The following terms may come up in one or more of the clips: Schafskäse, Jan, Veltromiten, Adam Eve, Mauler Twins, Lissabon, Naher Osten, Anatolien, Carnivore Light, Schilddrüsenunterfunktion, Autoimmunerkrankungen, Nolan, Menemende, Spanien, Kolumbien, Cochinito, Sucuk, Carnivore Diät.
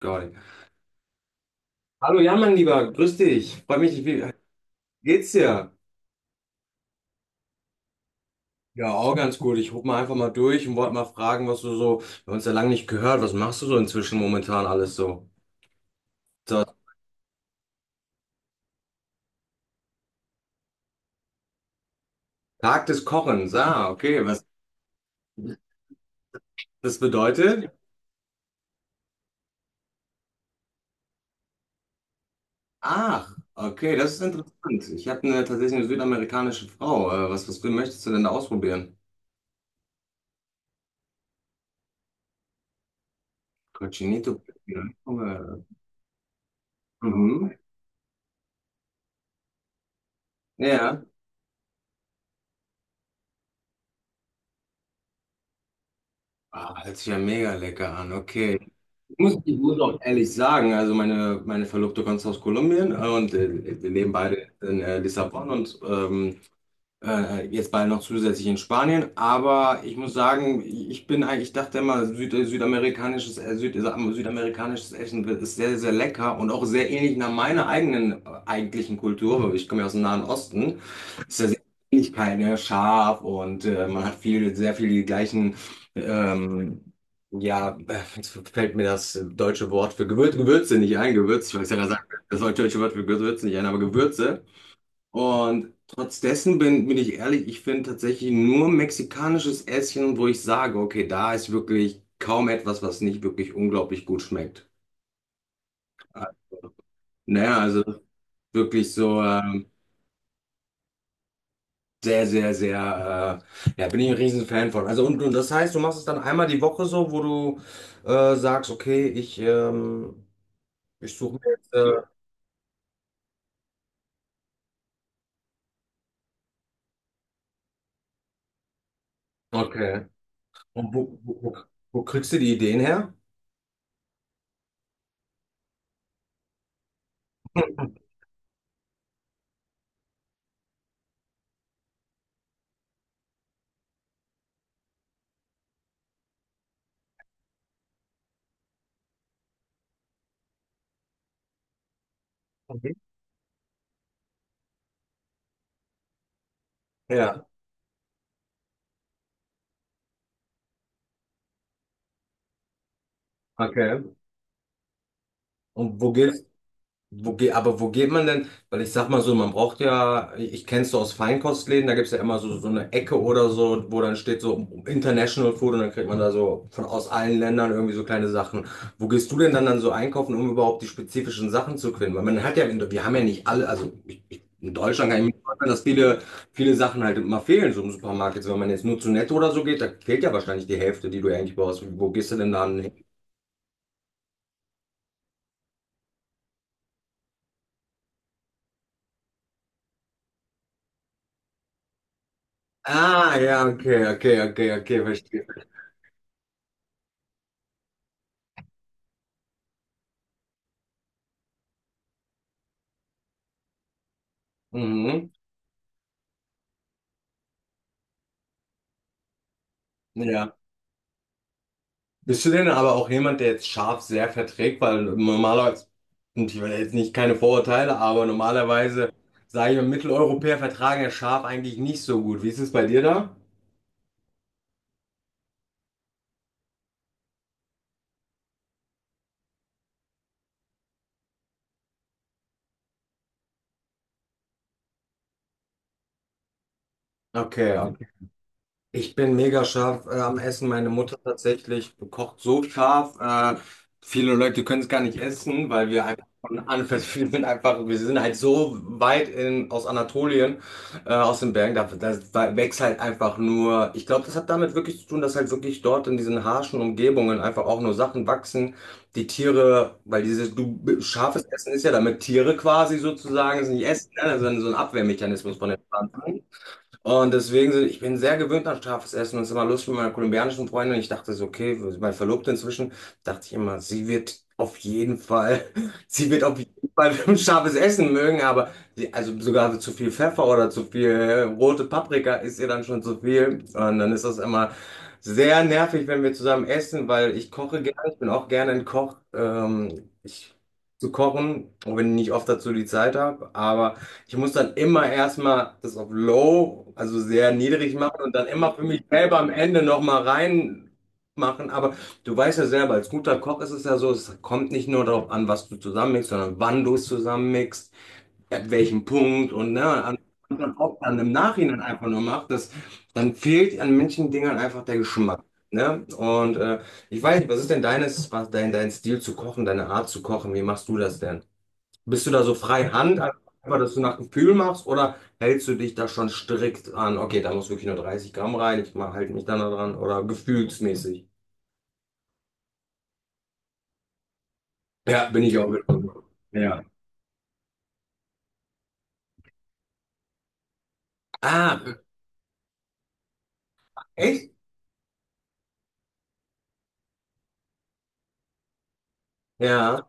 Geil. Hallo, ja, mein Lieber, grüß dich. Freue mich, wie geht's dir? Ja, auch ganz gut. Ich rufe mal einfach mal durch und wollte mal fragen, was du so, wir haben uns ja lange nicht gehört, was machst du so inzwischen momentan alles so? So, Tag des Kochens, ah, okay, was das bedeutet? Ach, okay, das ist interessant. Ich habe tatsächlich eine südamerikanische Frau. Was möchtest du denn da ausprobieren? Cochinito. Mhm. Ja. Ah, hört sich ja mega lecker an, okay. Muss ich muss auch ehrlich sagen, also meine Verlobte kommt aus Kolumbien und wir leben beide in Lissabon und jetzt bald noch zusätzlich in Spanien, aber ich muss sagen, ich dachte immer, südamerikanisches Essen ist sehr, sehr lecker und auch sehr ähnlich nach meiner eigenen eigentlichen Kultur, weil ich komme ja aus dem Nahen Osten, ist ja sehr Ähnlichkeit, ne? Scharf und man hat viel, sehr viel die gleichen, ähm, ja, jetzt fällt mir das deutsche Wort für Gewürze nicht ein, Gewürz, ich weiß ja, da sagt, das deutsche Wort für Gewürze nicht ein, aber Gewürze. Und trotz dessen bin ich ehrlich, ich finde tatsächlich nur mexikanisches Essen, wo ich sage, okay, da ist wirklich kaum etwas, was nicht wirklich unglaublich gut schmeckt. Naja, also wirklich so sehr, sehr, sehr, ja, bin ich ein riesen Fan von. Also und das heißt, du machst es dann einmal die Woche so, wo du sagst, okay, ich suche mir jetzt, okay. Und wo kriegst du die Ideen her? Mhm. Ja, okay. Und wo gehst Wo geht, aber wo geht man denn? Weil ich sag mal so, man braucht ja, ich kenn's so aus Feinkostläden, da gibt's ja immer so eine Ecke oder so, wo dann steht so International Food und dann kriegt man da so von aus allen Ländern irgendwie so kleine Sachen. Wo gehst du denn dann so einkaufen, um überhaupt die spezifischen Sachen zu finden? Weil man hat ja, wir haben ja nicht alle, also in Deutschland kann ich mir vorstellen, dass viele Sachen halt immer fehlen, so im Supermarkt. Jetzt, wenn man jetzt nur zu Netto oder so geht, da fehlt ja wahrscheinlich die Hälfte, die du eigentlich brauchst. Wo gehst du denn dann hin? Ah, ja, okay, okay, okay, okay, verstehe. Mhm. Ja. Bist du denn aber auch jemand, der jetzt Schaf sehr verträgt? Weil normalerweise, und ich will jetzt nicht keine Vorurteile, aber normalerweise, sage ich mal, Mitteleuropäer vertragen ja Schaf eigentlich nicht so gut. Wie ist es bei dir da? Okay, okay. Ich bin mega scharf am Essen. Meine Mutter tatsächlich kocht so scharf. Viele Leute können es gar nicht essen, weil wir einfach von Anfang, wir sind halt so weit aus Anatolien, aus den Bergen, da wächst halt einfach nur. Ich glaube, das hat damit wirklich zu tun, dass halt wirklich dort in diesen harschen Umgebungen einfach auch nur Sachen wachsen, die Tiere, weil dieses scharfes Essen ist ja, damit Tiere quasi sozusagen es nicht essen, ne? Das so ein Abwehrmechanismus von den Pflanzen. Und deswegen, ich bin sehr gewöhnt an scharfes Essen und es ist immer lustig mit meiner kolumbianischen Freundin. Ich dachte so, okay, mein Verlobter inzwischen, dachte ich immer, sie wird auf jeden Fall, sie wird auf jeden Fall scharfes Essen mögen, aber also sogar zu viel Pfeffer oder zu viel rote Paprika ist ihr dann schon zu viel. Und dann ist das immer sehr nervig, wenn wir zusammen essen, weil ich koche gerne, ich bin auch gerne ein Koch. Ich zu kochen, auch wenn ich nicht oft dazu die Zeit habe, aber ich muss dann immer erstmal das auf Low, also sehr niedrig machen und dann immer für mich selber am Ende nochmal rein machen. Aber du weißt ja selber, als guter Koch ist es ja so, es kommt nicht nur darauf an, was du zusammenmixst, sondern wann du es zusammenmixst, at welchem Punkt und ne, an, und dann auch dann im Nachhinein einfach nur macht, das, dann fehlt an manchen Dingern einfach der Geschmack. Ne? Und ich weiß nicht, was dein Stil zu kochen, deine Art zu kochen? Wie machst du das denn? Bist du da so frei Hand, also einfach, dass du nach Gefühl machst, oder hältst du dich da schon strikt an, okay, da muss wirklich nur 30 Gramm rein, halt mich dann da dran, oder gefühlsmäßig? Ja, bin ich auch mit. Ja. Ah, echt? Ja.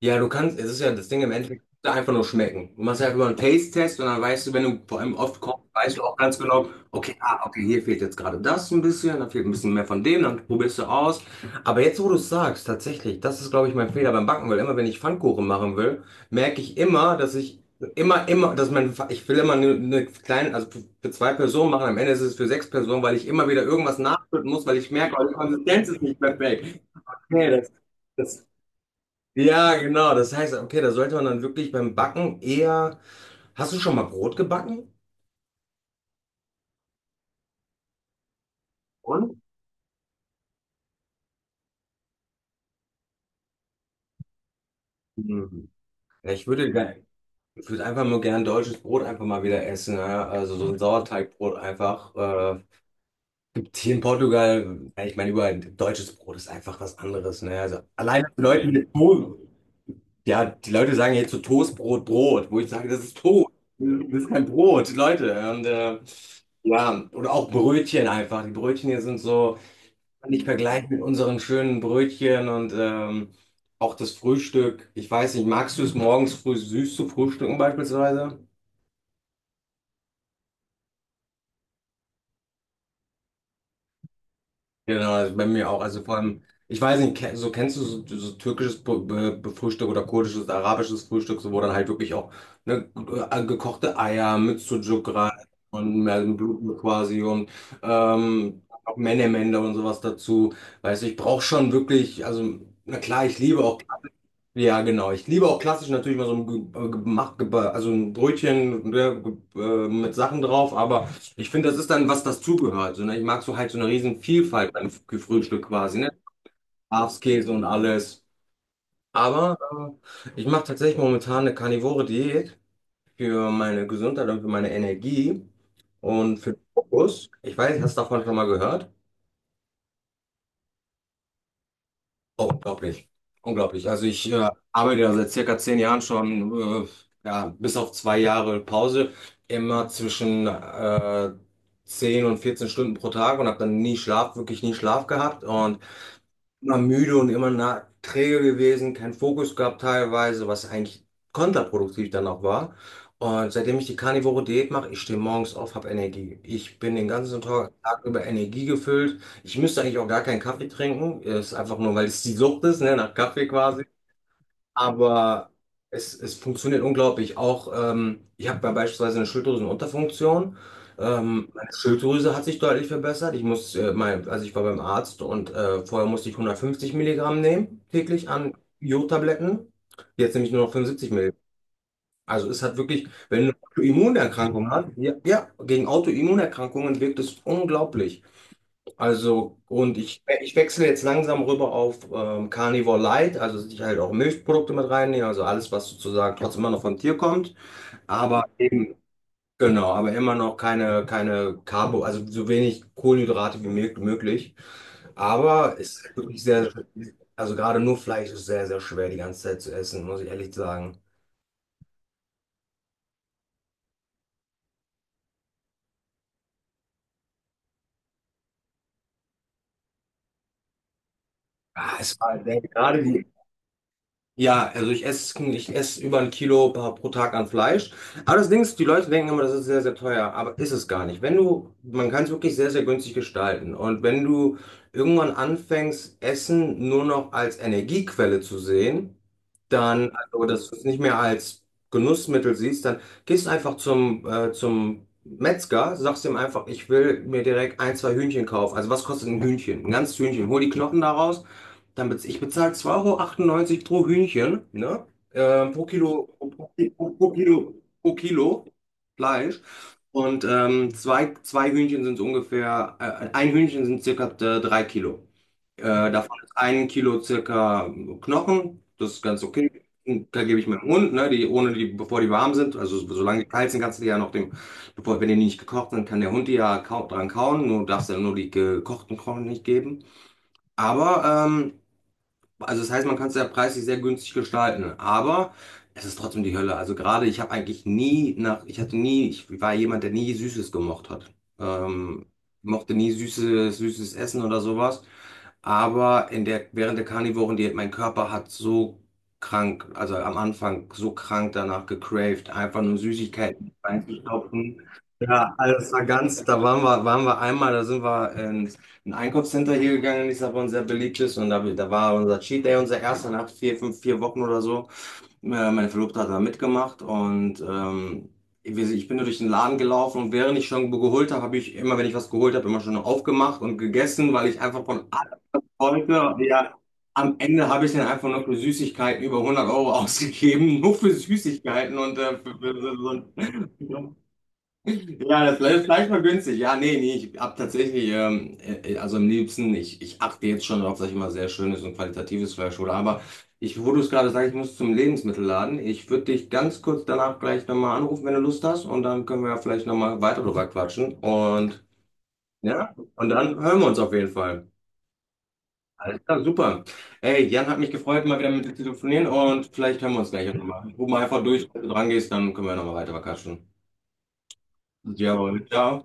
Ja, du kannst, es ist ja das Ding im Endeffekt, da einfach nur schmecken. Du machst einfach mal einen Taste-Test und dann weißt du, wenn du vor allem oft kochst, weißt du auch ganz genau, okay, ah, okay, hier fehlt jetzt gerade das ein bisschen, da fehlt ein bisschen mehr von dem, dann probierst du aus. Aber jetzt, wo du es sagst, tatsächlich, das ist, glaube ich, mein Fehler beim Backen, weil immer, wenn ich Pfannkuchen machen will, merke ich immer, dass ich immer, immer, ich will immer eine kleine, also für zwei Personen machen, am Ende ist es für sechs Personen, weil ich immer wieder irgendwas nachschütten muss, weil ich merke, oh, die Konsistenz ist nicht perfekt. Okay, das. Das ja, genau. Das heißt, okay, da sollte man dann wirklich beim Backen eher. Hast du schon mal Brot gebacken? Und? Mhm. Ja, ich würde einfach nur gern deutsches Brot einfach mal wieder essen. Ja? Also so ein Sauerteigbrot einfach. Gibt hier in Portugal, ja, ich meine, überall deutsches Brot ist einfach was anderes. Ne? Also alleine die Leute, ja, die Leute sagen jetzt so Toastbrot, Brot, wo ich sage, das ist Toast. Das ist kein Brot, Leute. Und, ja, oder auch Brötchen einfach. Die Brötchen hier sind so. Man nicht vergleichen mit unseren schönen Brötchen und auch das Frühstück. Ich weiß nicht, magst du es morgens früh süß zu frühstücken beispielsweise? Genau, also bei mir auch. Also vor allem, ich weiß nicht, so kennst du so türkisches Frühstück oder kurdisches, arabisches Frühstück, so wo dann halt wirklich auch ne, gekochte Eier mit Sucuk rein und mehr Blut quasi und auch Menemende und sowas dazu. Weißt du, ich brauche schon wirklich, also na klar, ich liebe auch. Ja, genau. Ich liebe auch klassisch natürlich mal so ein, also ein Brötchen ne, mit Sachen drauf, aber ich finde, das ist dann, was das zugehört. So, ne? Ich mag so halt so eine riesen Vielfalt beim Frühstück quasi, ne? Schafskäse und alles. Aber ich mache tatsächlich momentan eine karnivore Diät für meine Gesundheit und für meine Energie und für den Fokus. Ich weiß, hast du davon schon mal gehört? Oh, unglaublich, unglaublich. Also ich arbeite ja seit circa 10 Jahren schon, ja, bis auf 2 Jahre Pause, immer zwischen 10 und 14 Stunden pro Tag und habe dann nie Schlaf, wirklich nie Schlaf gehabt. Und immer müde und immer na, träge gewesen, keinen Fokus gehabt teilweise, was eigentlich kontraproduktiv dann auch war. Und seitdem ich die Carnivore Diät mache, ich stehe morgens auf, habe Energie. Ich bin den ganzen Tag über Energie gefüllt. Ich müsste eigentlich auch gar keinen Kaffee trinken. Ist einfach nur, weil es die Sucht ist, ne, nach Kaffee quasi. Aber es funktioniert unglaublich. Auch ich habe ja beispielsweise eine Schilddrüsenunterfunktion. Meine Schilddrüse hat sich deutlich verbessert. Also ich war beim Arzt und vorher musste ich 150 Milligramm nehmen, täglich an Jodtabletten. Jetzt nehme ich nur noch 75 Milligramm. Also es hat wirklich, wenn du eine Autoimmunerkrankung hast, ja, ja, gegen Autoimmunerkrankungen wirkt es unglaublich. Also, und ich wechsle jetzt langsam rüber auf Carnivore Light, also dass ich halt auch Milchprodukte mit reinnehme, also alles, was sozusagen trotzdem immer noch vom Tier kommt, aber eben, genau, aber immer noch keine Carbo, also so wenig Kohlenhydrate wie möglich. Aber es ist wirklich sehr, also gerade nur Fleisch ist sehr, sehr schwer die ganze Zeit zu essen, muss ich ehrlich sagen. Ah, es war gerade die. Ja, also ich esse über 1 Kilo pro Tag an Fleisch. Aber das Ding ist, die Leute denken immer, das ist sehr, sehr teuer, aber ist es gar nicht. Wenn du, man kann es wirklich sehr, sehr günstig gestalten. Und wenn du irgendwann anfängst, Essen nur noch als Energiequelle zu sehen, dann, also dass du es nicht mehr als Genussmittel siehst, dann gehst du einfach zum Metzger, sagst ihm einfach, ich will mir direkt ein, zwei Hühnchen kaufen. Also was kostet ein Hühnchen? Ein ganzes Hühnchen. Hol die Knochen daraus, dann bez ich bezahle 2,98 € pro Hühnchen, ne? Pro Kilo, pro Kilo, pro Kilo Fleisch. Und zwei Hühnchen sind so ungefähr, ein Hühnchen sind circa 3 Kilo. Davon ist 1 Kilo circa Knochen, das ist ganz okay. Und da gebe ich meinem Hund, ne, die, ohne die, bevor die warm sind. Also solange die kalt sind, kannst du die ja noch dem, bevor, wenn die nicht gekocht sind, kann der Hund die ja kau dran kauen. Nur darfst du ja nur die gekochten Knochen nicht geben. Aber also das heißt, man kann es ja preislich sehr günstig gestalten, aber es ist trotzdem die Hölle. Also gerade ich habe eigentlich nie nach, ich hatte nie, ich war jemand, der nie Süßes gemocht hat. Ähm, mochte nie süßes, süßes Essen oder sowas. Aber während der Karnivorendiät, mein Körper hat so krank, also am Anfang so krank danach gecraved, einfach nur Süßigkeiten reinzustopfen. Ja, also das war ganz, da waren wir einmal, da sind wir ins ein Einkaufscenter hier gegangen in Lissabon, sehr beliebt ist und da war unser Cheat Day, unser erster nach vier, fünf, vier Wochen oder so. Meine Verlobte hat da mitgemacht und ich bin nur durch den Laden gelaufen und während ich schon geholt habe, habe ich immer, wenn ich was geholt habe, immer schon aufgemacht und gegessen, weil ich einfach von wollte. Ja, am Ende habe ich dann einfach nur für Süßigkeiten über 100 € ausgegeben. Nur für Süßigkeiten und für so ja, das Fleisch war günstig. Ja, nee, nee, ich habe tatsächlich, also am liebsten, ich achte jetzt schon darauf, dass ich immer sehr schönes und qualitatives Fleisch hole, wo du es gerade sagst, ich muss zum Lebensmittelladen. Ich würde dich ganz kurz danach gleich nochmal anrufen, wenn du Lust hast und dann können wir ja vielleicht nochmal weiter drüber quatschen und ja, und dann hören wir uns auf jeden Fall. Alles klar, super. Ey, Jan, hat mich gefreut, mal wieder mit dir zu telefonieren und vielleicht hören wir uns gleich auch nochmal. Ruf mal einfach durch, wenn du dran gehst, dann können wir nochmal weiter quatschen. Ja, ciao.